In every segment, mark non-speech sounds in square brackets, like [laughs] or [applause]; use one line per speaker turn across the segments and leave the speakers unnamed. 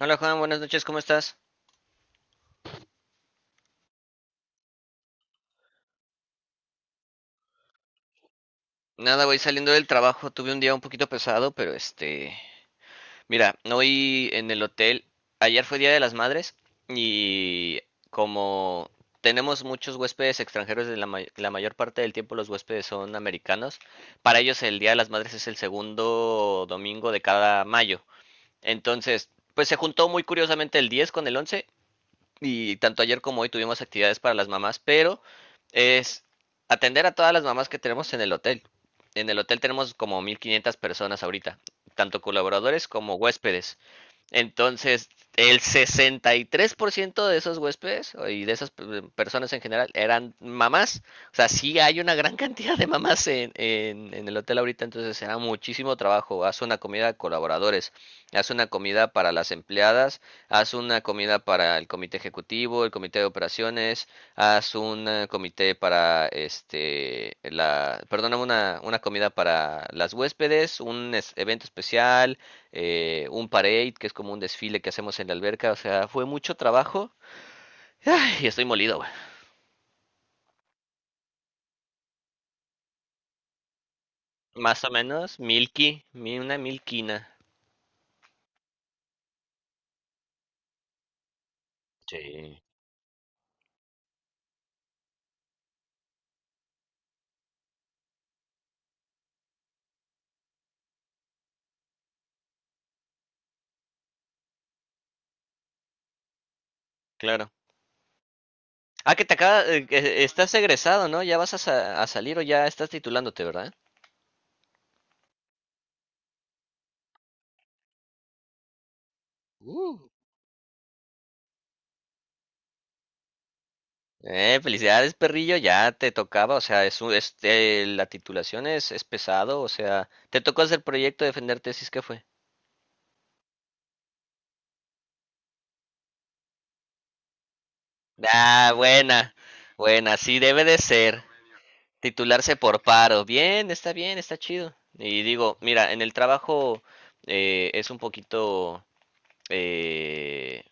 Hola Juan, buenas noches, ¿cómo estás? Nada, voy saliendo del trabajo, tuve un día un poquito pesado, pero mira, hoy en el hotel, ayer fue Día de las Madres y como tenemos muchos huéspedes extranjeros, la mayor parte del tiempo los huéspedes son americanos. Para ellos el Día de las Madres es el segundo domingo de cada mayo. Entonces, pues se juntó muy curiosamente el 10 con el 11, y tanto ayer como hoy tuvimos actividades para las mamás, pero es atender a todas las mamás que tenemos en el hotel. En el hotel tenemos como 1500 personas ahorita, tanto colaboradores como huéspedes. Entonces, el 63% de esos huéspedes y de esas personas en general eran mamás. O sea, sí hay una gran [laughs] cantidad de mamás en el hotel ahorita, entonces será muchísimo trabajo. Haz una comida a colaboradores, haz una comida para las empleadas, haz una comida para el comité ejecutivo, el comité de operaciones, haz un comité para perdóname, una comida para las huéspedes, un evento especial, un parade, que es como un desfile que hacemos en la alberca. O sea, fue mucho trabajo. Ay, estoy molido, güey. Más o menos, una milquina. Sí, claro. Ah, que te acaba, que estás egresado, ¿no? Ya vas a salir, o ya estás titulándote, ¿verdad? Uh. Felicidades, perrillo, ya te tocaba. O sea, es la titulación es pesado. O sea, te tocó hacer proyecto, defender tesis, ¿qué fue? Ah, buena, buena, sí debe de ser. Titularse por paro. Bien, está chido. Y digo, mira, en el trabajo es un poquito, eh,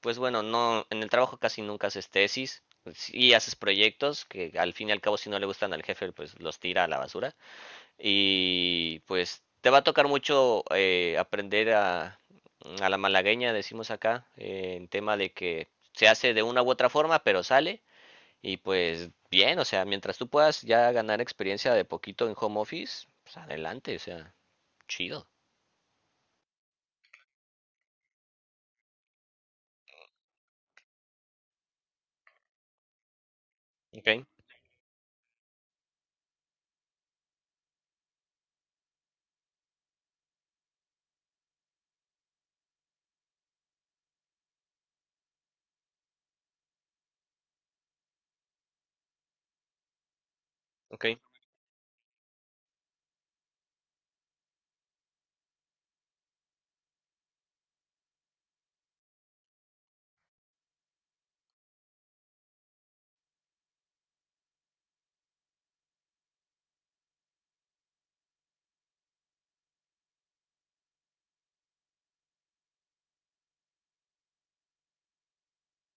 pues bueno, no, en el trabajo casi nunca haces tesis. Y haces proyectos que al fin y al cabo, si no le gustan al jefe, pues los tira a la basura, y pues te va a tocar mucho aprender a la malagueña, decimos acá en tema de que se hace de una u otra forma, pero sale. Y pues bien, o sea, mientras tú puedas ya ganar experiencia de poquito en home office, pues adelante, o sea, chido. Okay. Okay.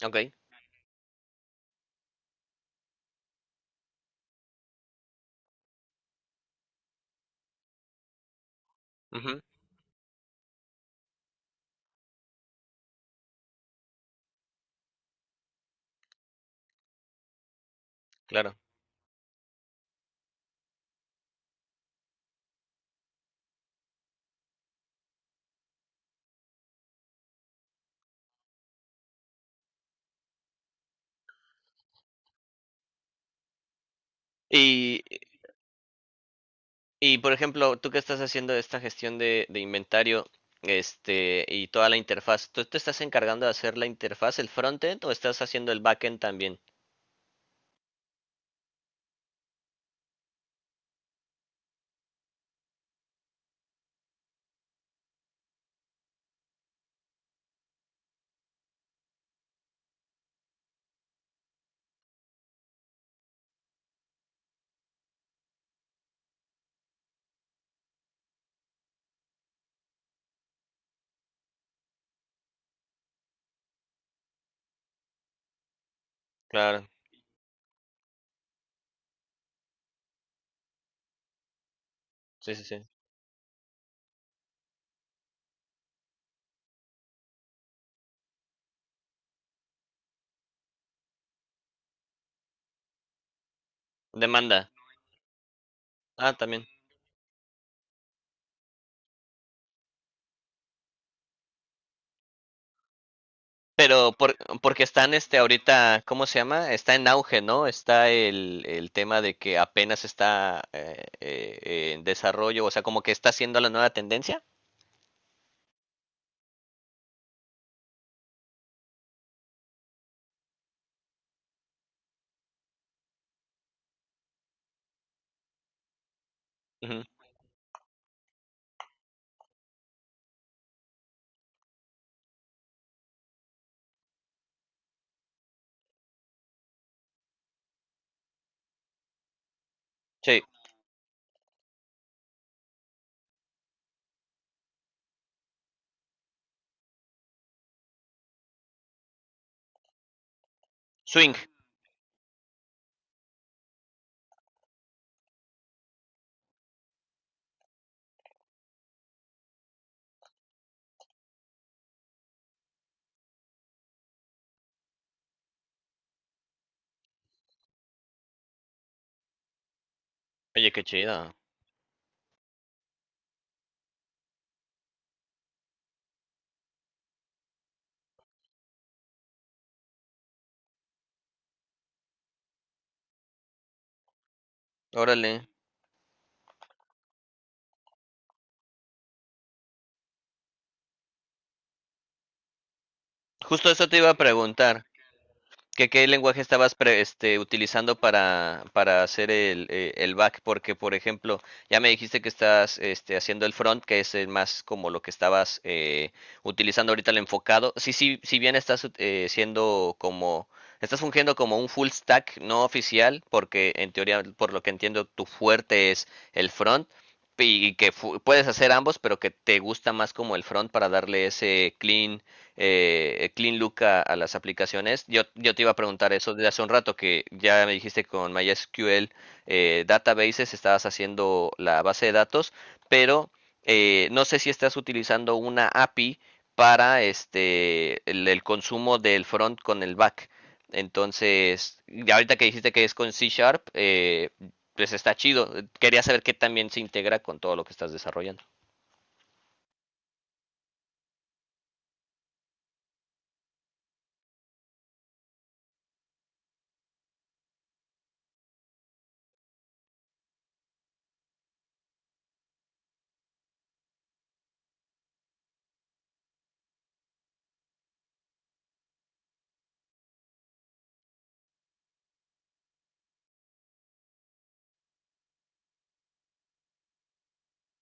Okay. Ujú, claro. Y, y por ejemplo, tú que estás haciendo esta gestión de inventario, este, y toda la interfaz, ¿tú te estás encargando de hacer la interfaz, el frontend, o estás haciendo el backend también? Claro, sí, sí, sí. Demanda. Ah, también. Porque están este ahorita, ¿cómo se llama? Está en auge, ¿no? Está el tema de que apenas está en desarrollo, o sea, como que está siendo la nueva tendencia. Ujú. Sí, swing. Oye, qué chido. Órale. Justo eso te iba a preguntar. ¿ qué lenguaje estabas utilizando para hacer el back? Porque, por ejemplo, ya me dijiste que estás este, haciendo el front, que es más como lo que estabas utilizando ahorita, el enfocado. Sí, sí, si bien estás siendo como, estás fungiendo como un full stack no oficial, porque en teoría, por lo que entiendo, tu fuerte es el front, y que puedes hacer ambos, pero que te gusta más como el front para darle ese clean Clean Look a las aplicaciones. Yo te iba a preguntar eso desde hace un rato, que ya me dijiste que con MySQL Databases estabas haciendo la base de datos, pero no sé si estás utilizando una API para este el consumo del front con el back. Entonces, ya ahorita que dijiste que es con C Sharp, pues está chido. Quería saber qué también se integra con todo lo que estás desarrollando.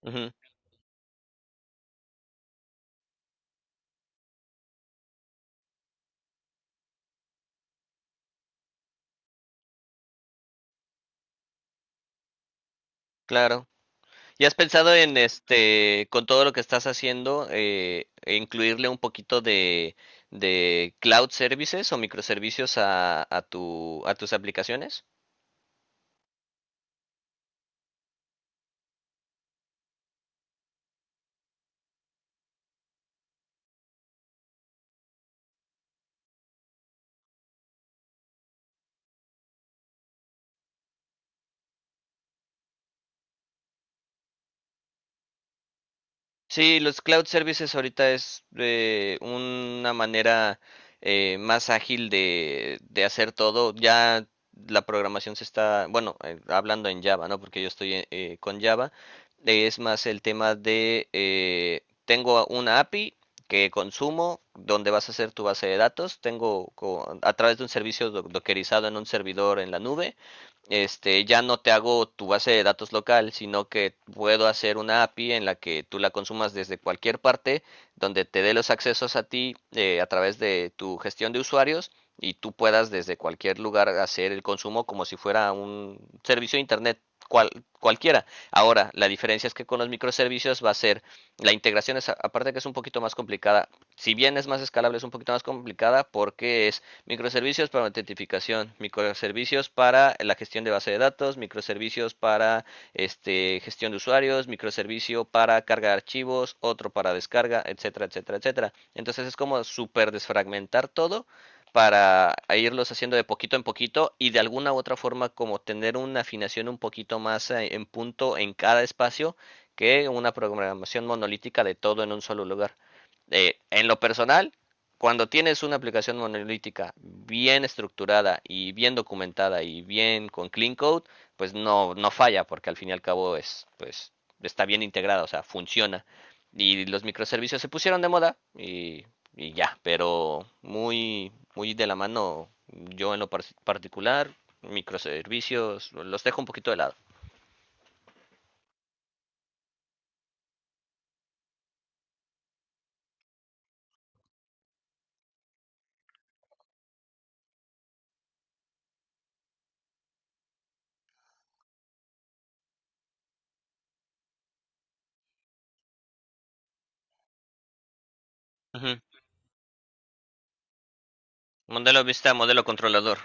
Ujú, claro. ¿Y has pensado en este, con todo lo que estás haciendo, incluirle un poquito de cloud services o microservicios a tu, a tus aplicaciones? Sí, los cloud services ahorita es una manera más ágil de hacer todo. Ya la programación se está, bueno, hablando en Java, ¿no? Porque yo estoy con Java. Es más el tema de, tengo una API que consumo, donde vas a hacer tu base de datos. Tengo a través de un servicio dockerizado en un servidor en la nube, este, ya no te hago tu base de datos local, sino que puedo hacer una API en la que tú la consumas desde cualquier parte, donde te dé los accesos a ti a través de tu gestión de usuarios, y tú puedas desde cualquier lugar hacer el consumo como si fuera un servicio de Internet cual, cualquiera. Ahora, la diferencia es que con los microservicios va a ser, la integración es, aparte que es un poquito más complicada, si bien es más escalable, es un poquito más complicada porque es microservicios para autentificación, microservicios para la gestión de base de datos, microservicios para este, gestión de usuarios, microservicio para carga de archivos, otro para descarga, etcétera, etcétera, etcétera. Entonces es como super desfragmentar todo para irlos haciendo de poquito en poquito, y de alguna u otra forma como tener una afinación un poquito más en punto en cada espacio que una programación monolítica de todo en un solo lugar. En lo personal, cuando tienes una aplicación monolítica bien estructurada y bien documentada y bien con clean code, pues no, no falla, porque al fin y al cabo es, pues, está bien integrada, o sea, funciona. Y los microservicios se pusieron de moda y ya, pero muy, muy de la mano, yo en lo particular, microservicios, los dejo un poquito de lado. Ujú. Modelo vista, modelo controlador.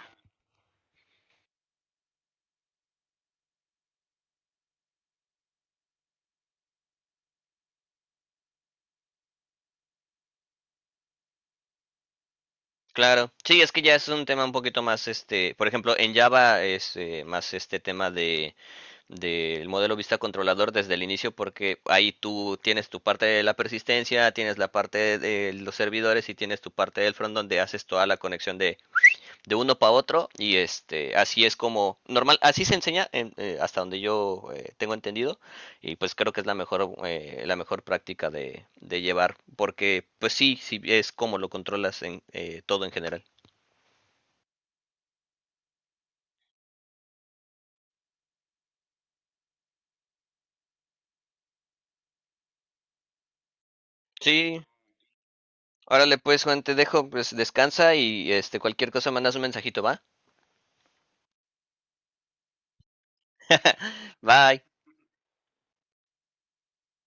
Claro, sí, es que ya es un tema un poquito más, este, por ejemplo, en Java es más este tema de del modelo vista controlador desde el inicio, porque ahí tú tienes tu parte de la persistencia, tienes la parte de los servidores y tienes tu parte del front donde haces toda la conexión de uno para otro. Y este, así es como normal, así se enseña en, hasta donde yo tengo entendido, y pues creo que es la mejor práctica de llevar, porque pues sí, sí es como lo controlas en todo en general. Sí, órale pues Juan, te dejo, pues descansa y este cualquier cosa mandas un mensajito, ¿va? [laughs] Bye.